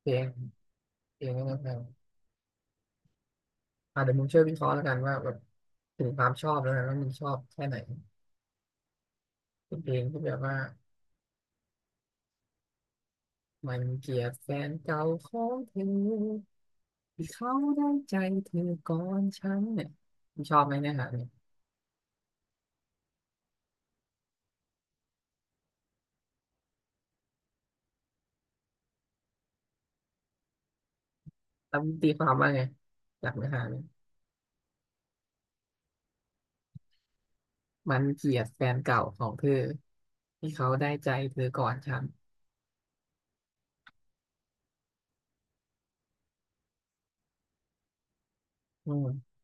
เพลงเพลงนั่นนะเดี๋ยวมึงช่วยวิเคราะห์แล้วกันว่าแบบถึงความชอบแล้วกันว่ามึงชอบแค่ไหนเป็นเพลงที่แบบว่ามันเกลียดแฟนเก่าของเธอที่เขาได้ใจเธอก่อนฉันเนี่ยมึงชอบไหมเนื้อหาเนี่ยแล้วมึงตีความว่าไงจากเนื้อหาเนี่ยมันเกลียดแฟนเก่าของเธอที่เขาได้ใจเธอก่อนฉันอืม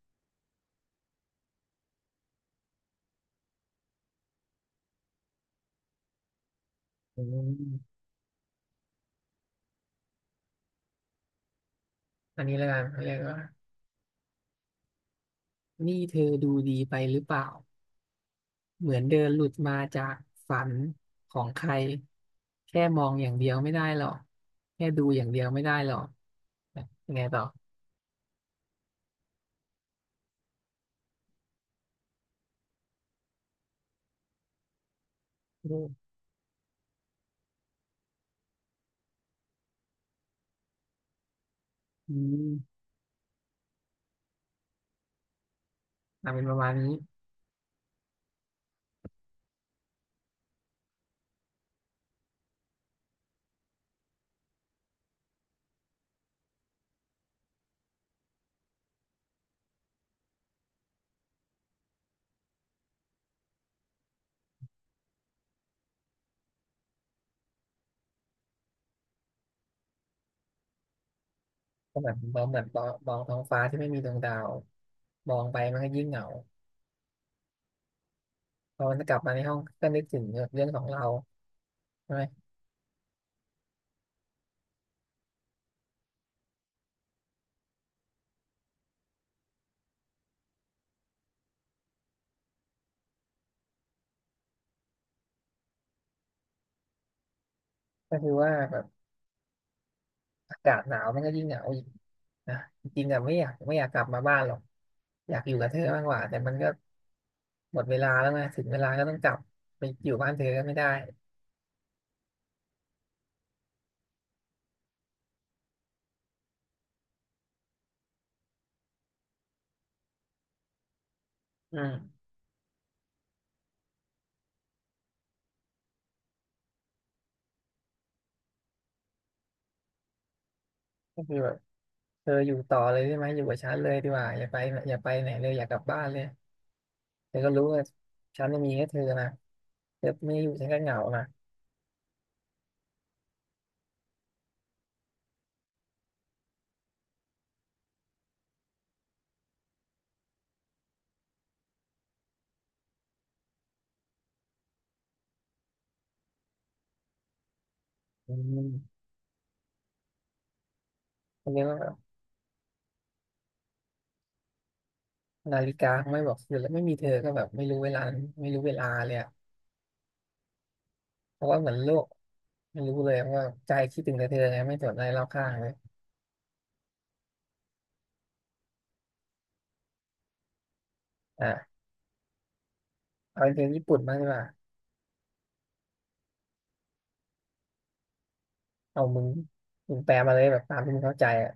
อมอันนี้แล้วกันเขาเรียกว่านี่เธอดูดีไปหรือเปล่า เหมือนเดินหลุดมาจากฝันของใครแค่มองอย่างเดียวไม่ได้หรอกแค่ดูอย่างเดียวไม่ได้หรอกยังไงต่อรูปอืมอ่ะเป็นประมาณนี้ก็แบบมองท้องฟ้าที่ไม่มีดวงดาวมองไปมันก็ยิ่งเหงาพอมันกลับมาในห้องก็นึกถึงเรื่องของเราใช่ไหมก็คือว่าแบบอากาศหนาวมันก็ยิ่งเหงาอีกนะจริงๆอะไม่อยากกลับมาบ้านหรอกอยากอยู่กับเธอมากกว่าแต่มันก็ หมดเวลาแล้วไงถึงเวลาก็ต้องกลับไปอยู่บ้านเธอก็ไม่ได้อืมก็คือแบบเธออยู่ต่อเลยได้ไหมอยู่กับฉันเลยดีกว่าอย่าไปอย่าไปไหนเลยอยากกลับบ้านเลยเธอก็รู้ว่าฉันจะมีแค่เธอนะเธอไม่อยู่ฉันก็เหงานะอืมอันนี้ก็แบบนาฬิกาไม่บอกอยู่แล้วไม่มีเธอก็แบบไม่รู้เวลาไม่รู้เวลาเลยอะเพราะว่าเหมือนโลกไม่รู้เลยว่าใจคิดถึงแต่เธอไงไม่สนอะไรรอบข้างเลยอ่ะเอาเป็นเพลงญี่ปุ่นบ้างดีกว่าเอามึงมึงแปลมาเลยแบบตามที่มึงเข้าใจอ่ะ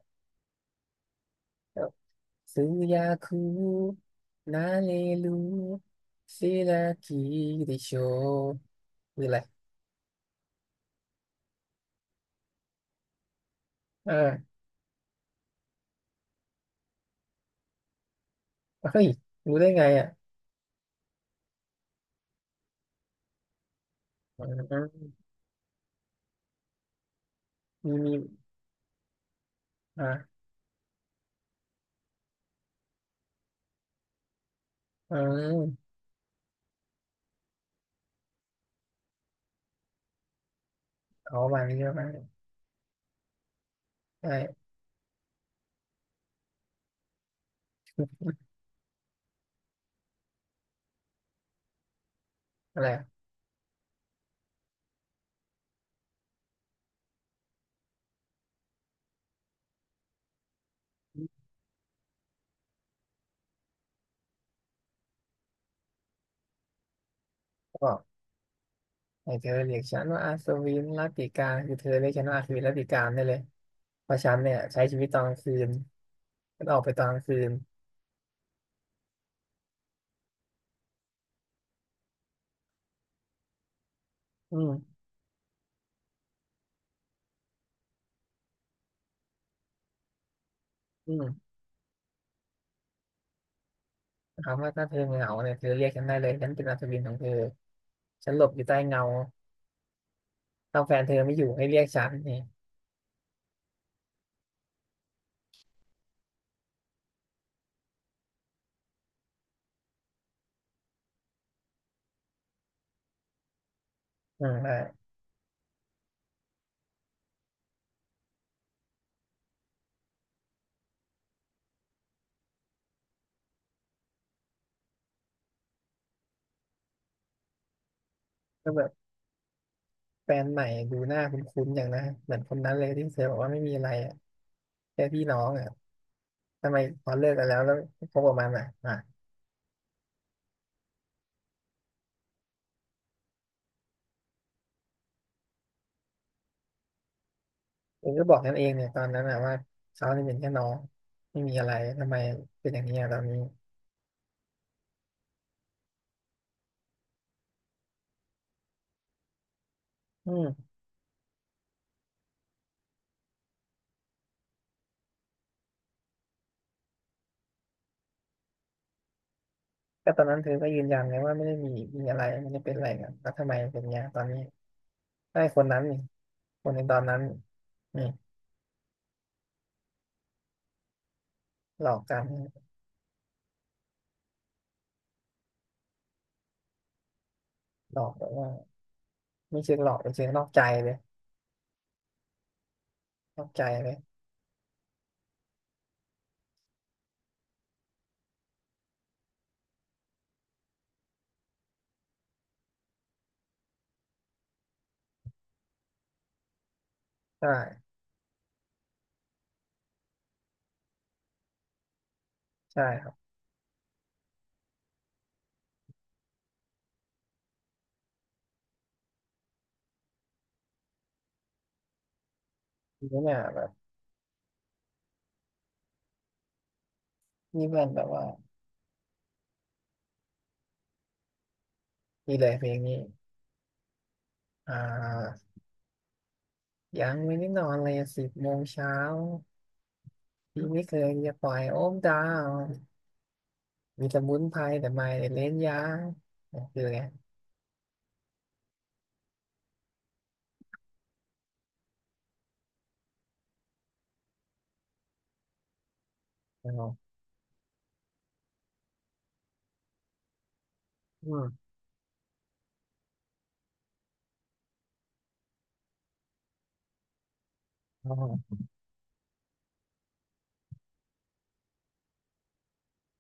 ซื้อยาคูนาเลลูซิรากิดิโชคืออะไรอ่า เฮ้ยรู้ได้ไงอ่ะอ๋อมี อ่าอืมเอาวางเยอะมากใช่อะไรอะบอกให้เธอเรียกฉันว่าอาสวินรัตติกาคือเธอเรียกฉันว่าอาสวินรัตติกาได้เลย เพราะฉันเนี่ยใช้ชีวิตตอนกลางคืนฉันออกไปตอนกลางคืนอืม อืมถามว่าถ้าเธอเหงาเนี่ยเธอเรียกฉันได้เลยฉันเป็นอัศวินของเธอฉันหลบอยู่ใต้เงา ถอาแฟนเธอไม่อยู่ให้เรียกฉันเนี่ยอืมได้ก็แบบแฟนใหม่ดูหน้าคุ้นๆอย่างนะเหมือนคนนั้นเลยที่เธอบอกว่าไม่มีอะไรอ่ะแค่พี่น้องอ่ะทำไมพอเลิกกันแล้วแล้วคบกับมันอ่ะเองก็บอกกันเองเนี่ยตอนนั้นอ่ะว่าเขาเนี่ยเป็นแค่น้องไม่มีอะไรทำไมเป็นอย่างนี้อ่ะตอนนี้อืมก็ตอนนั้นเธอก็ยืนยันเลยว่าไม่ได้มีอะไรไม่ได้เป็นอะไรกันแล้วทำไมเป็นอย่างนี้ตอนนี้ได้คนนั้นนี่คนในตอนนั้นนี่หลอกกันหลอกแบบว่าไม่เชิงหลอกเป็นเชิงนอกใจเลยนอกใจเลยใช่ ใช่ครับทีนี้เนี่ยแบบนี่เพื่อนแบบว่านี่เลยเพลงนี้อ่ายังไม่ได้นอนเลย10 โมงเช้าพี่ไม่เคยจะปล่อยโอมดาวมีสมุนไพรแต่ไม่ได้เล่นยาเนี่ยคือไงอ๋ออืมอ๋อ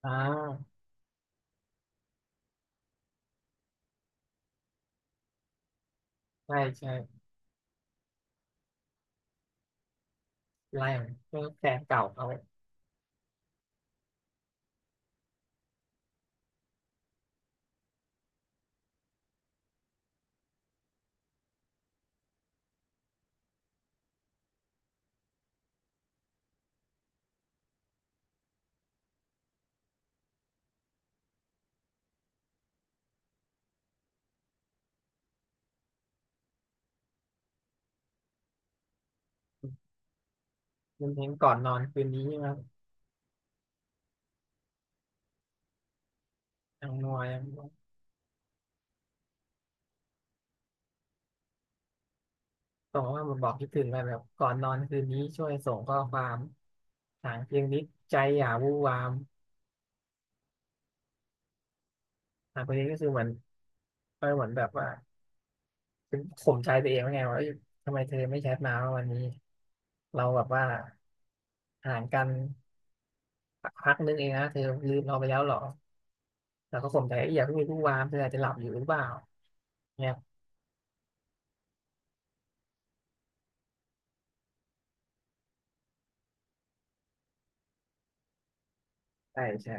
อ่าใช่ใช่ไล่เพลงแฟนเก่าเขาเป็นเพลงก่อนนอนคืนนี้ครับทางนวยส่งว่ามาบอกคิดถึงกันแบบก่อนนอนคืนนี้ช่วยส่งข้อความทางเพลงนี้ใจอย่าวู่วามอ่ะเพลงนี้ก็คือเหมือน ก็เหมืันแบบว่าป็นข่มใจตัวเองว่าไงว่าเอ้ยทำไมเธอไม่แชทมาว่าวันนี้เราแบบว่าห่างกันพักนึงเองนะเธอลืมเราไปแล้วเหรอแต่ก็ข่มใจเอ้ยอย่าเพิ่งมีผู้วามเธออาจจะหลับอยู่หรือเปล่าเนี่ยใช่ใช่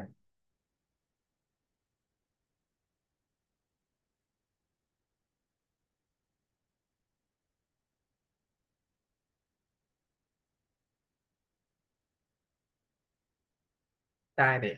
ได้เลย